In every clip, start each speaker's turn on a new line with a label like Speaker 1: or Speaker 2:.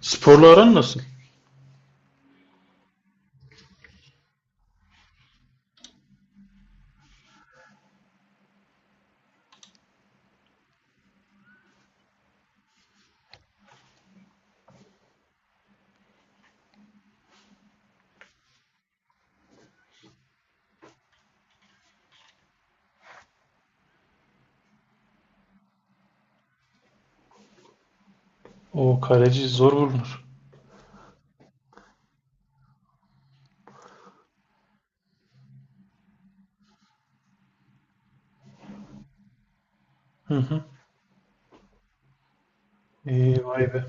Speaker 1: Sporla aran nasıl? O kaleci zor bulunur. Hı hı. Vay be.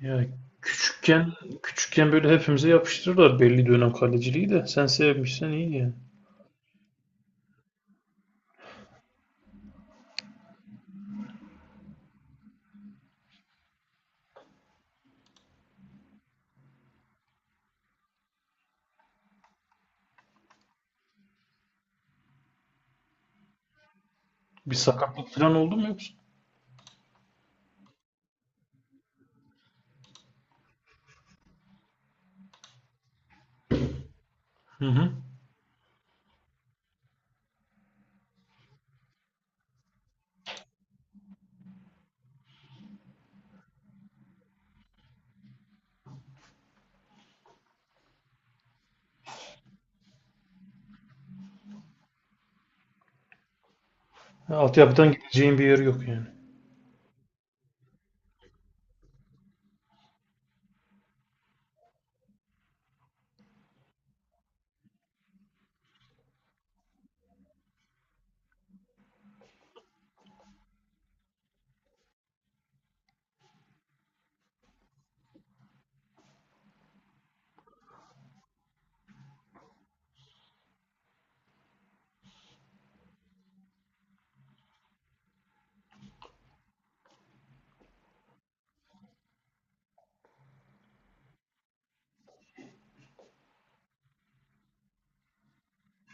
Speaker 1: Ya küçükken küçükken böyle hepimize yapıştırırlar belli dönem kaleciliği de. Sen sevmişsen iyi yani. Bir sakatlık falan oldu mu yoksa? Hı hı. Ya altyapıdan gideceğin bir yeri yok yani.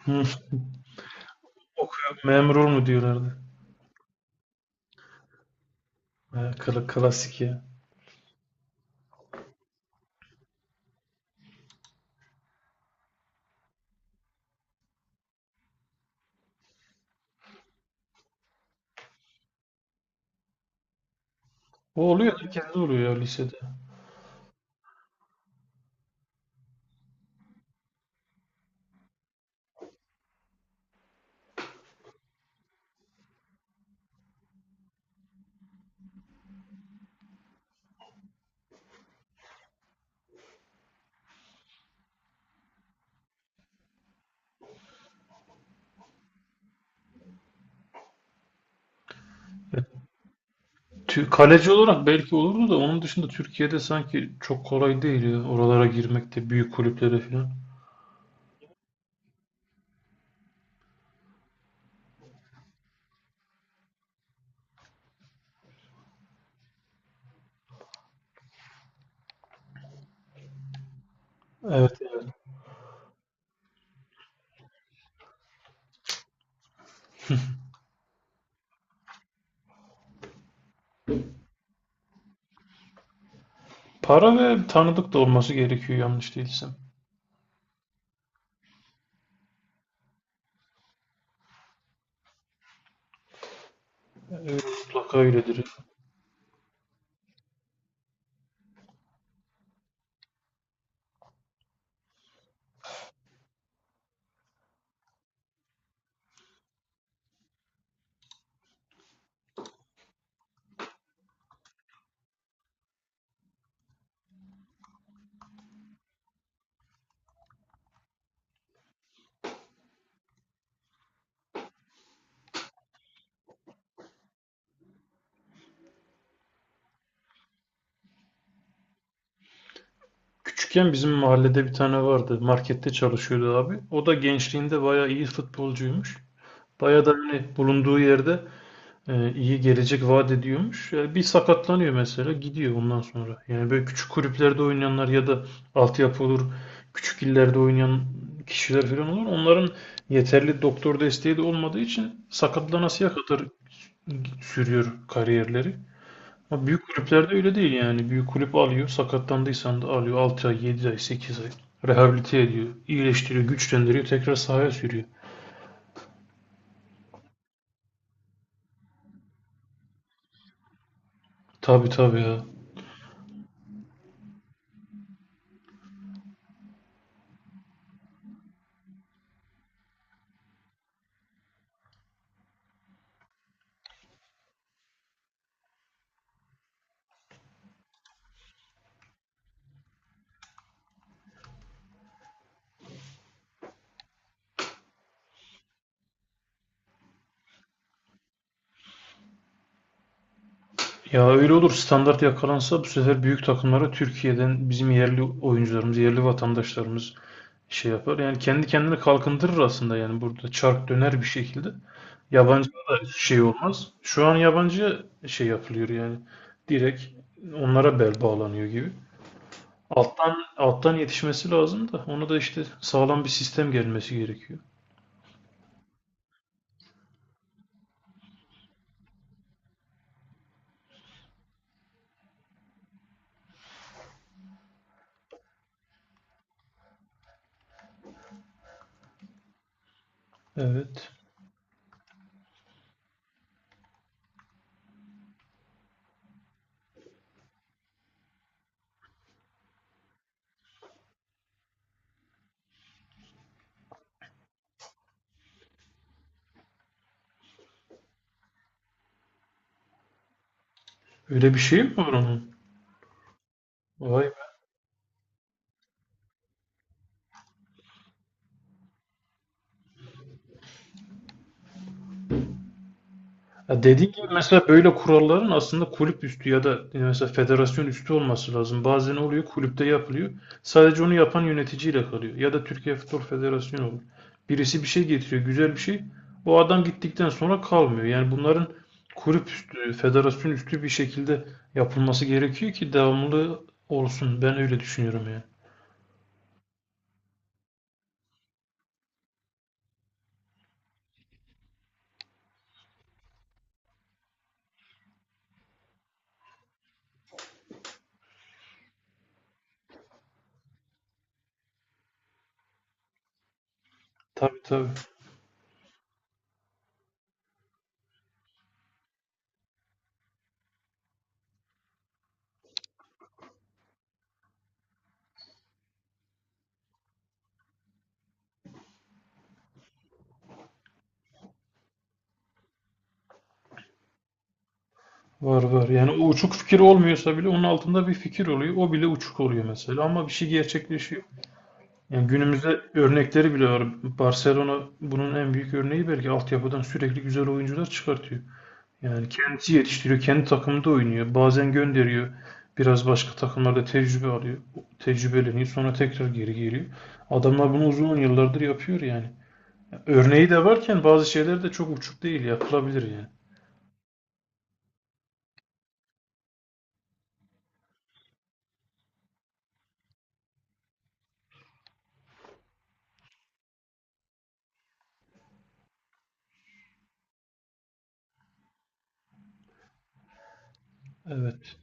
Speaker 1: Hı. Okuyor, memur ol mu diyorlardı. Ha, klasik ya. O oluyor, herkes de oluyor ya lisede. Ya, kaleci olarak belki olurdu da onun dışında Türkiye'de sanki çok kolay değil ya oralara girmek de büyük kulüplere falan. Evet, evet. Para ve tanıdık da olması gerekiyor yanlış değilsem. Evet, mutlaka öyledir. Küçükken bizim mahallede bir tane vardı. Markette çalışıyordu abi. O da gençliğinde bayağı iyi futbolcuymuş. Bayağı da hani bulunduğu yerde iyi gelecek vaat ediyormuş. E, bir sakatlanıyor mesela gidiyor ondan sonra. Yani böyle küçük kulüplerde oynayanlar ya da altyapı olur, küçük illerde oynayan kişiler falan olur. Onların yeterli doktor desteği de olmadığı için sakatlanasıya kadar sürüyor kariyerleri. Ya büyük kulüplerde öyle değil yani. Büyük kulüp alıyor, sakatlandıysan da alıyor 6 ay, 7 ay, 8 ay. Rehabilite ediyor, iyileştiriyor, güçlendiriyor, tekrar sahaya sürüyor. Tabii tabii ya. Ya öyle olur, standart yakalansa bu sefer büyük takımlara Türkiye'den bizim yerli oyuncularımız, yerli vatandaşlarımız şey yapar. Yani kendi kendine kalkındırır aslında yani, burada çark döner bir şekilde. Yabancı da şey olmaz. Şu an yabancı şey yapılıyor yani. Direkt onlara bel bağlanıyor gibi. Alttan alttan yetişmesi lazım da onu da işte sağlam bir sistem gelmesi gerekiyor. Evet. Öyle bir şey mi var onun? Vay be. Ya dediğin gibi mesela böyle kuralların aslında kulüp üstü ya da mesela federasyon üstü olması lazım. Bazen oluyor kulüpte yapılıyor. Sadece onu yapan yöneticiyle kalıyor. Ya da Türkiye Futbol Federasyonu olur. Birisi bir şey getiriyor, güzel bir şey. O adam gittikten sonra kalmıyor. Yani bunların kulüp üstü, federasyon üstü bir şekilde yapılması gerekiyor ki devamlı olsun. Ben öyle düşünüyorum yani. Tabii tabii. Var var. Yani o uçuk fikir olmuyorsa bile onun altında bir fikir oluyor. O bile uçuk oluyor mesela ama bir şey gerçekleşiyor. Yani günümüzde örnekleri bile var. Barcelona bunun en büyük örneği belki, altyapıdan sürekli güzel oyuncular çıkartıyor. Yani kendisi yetiştiriyor, kendi takımında oynuyor. Bazen gönderiyor. Biraz başka takımlarda tecrübe alıyor. Tecrübeleniyor. Sonra tekrar geri geliyor. Adamlar bunu uzun yıllardır yapıyor yani. Örneği de varken bazı şeyler de çok uçuk değil. Yapılabilir yani. Evet.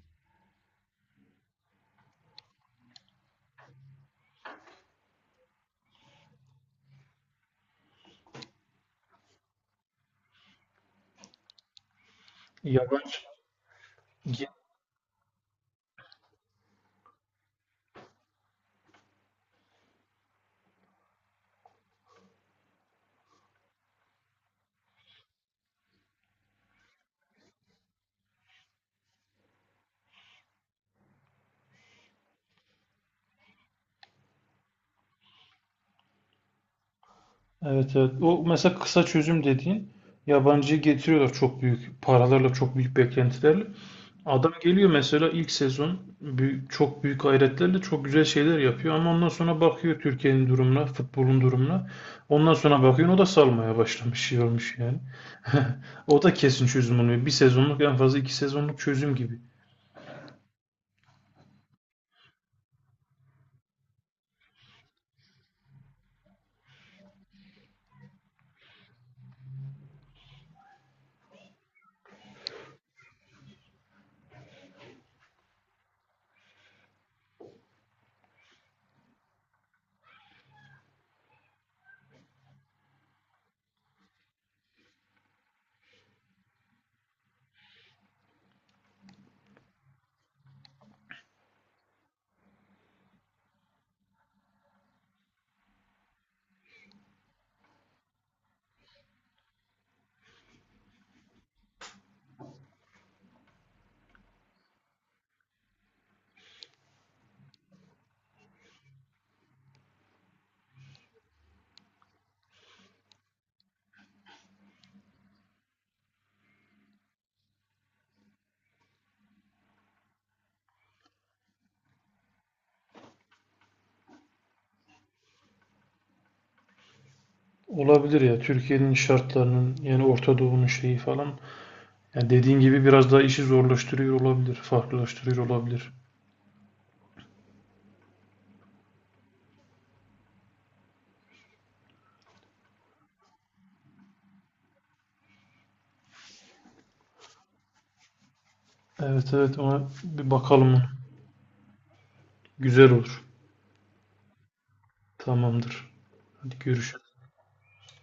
Speaker 1: Yabancı. Evet evet. O mesela kısa çözüm dediğin yabancıyı getiriyorlar çok büyük paralarla, çok büyük beklentilerle. Adam geliyor mesela ilk sezon büyük, çok büyük gayretlerle çok güzel şeyler yapıyor ama ondan sonra bakıyor Türkiye'nin durumuna, futbolun durumuna. Ondan sonra bakıyor o da salmaya başlamış, şey olmuş yani. O da kesin çözüm olmuyor. Bir sezonluk, en fazla iki sezonluk çözüm gibi. Olabilir ya, Türkiye'nin şartlarının yani Orta Doğu'nun şeyi falan. Yani dediğin gibi biraz daha işi zorlaştırıyor olabilir, farklılaştırıyor olabilir. Evet evet, ona bir bakalım. Güzel olur. Tamamdır. Hadi görüşürüz.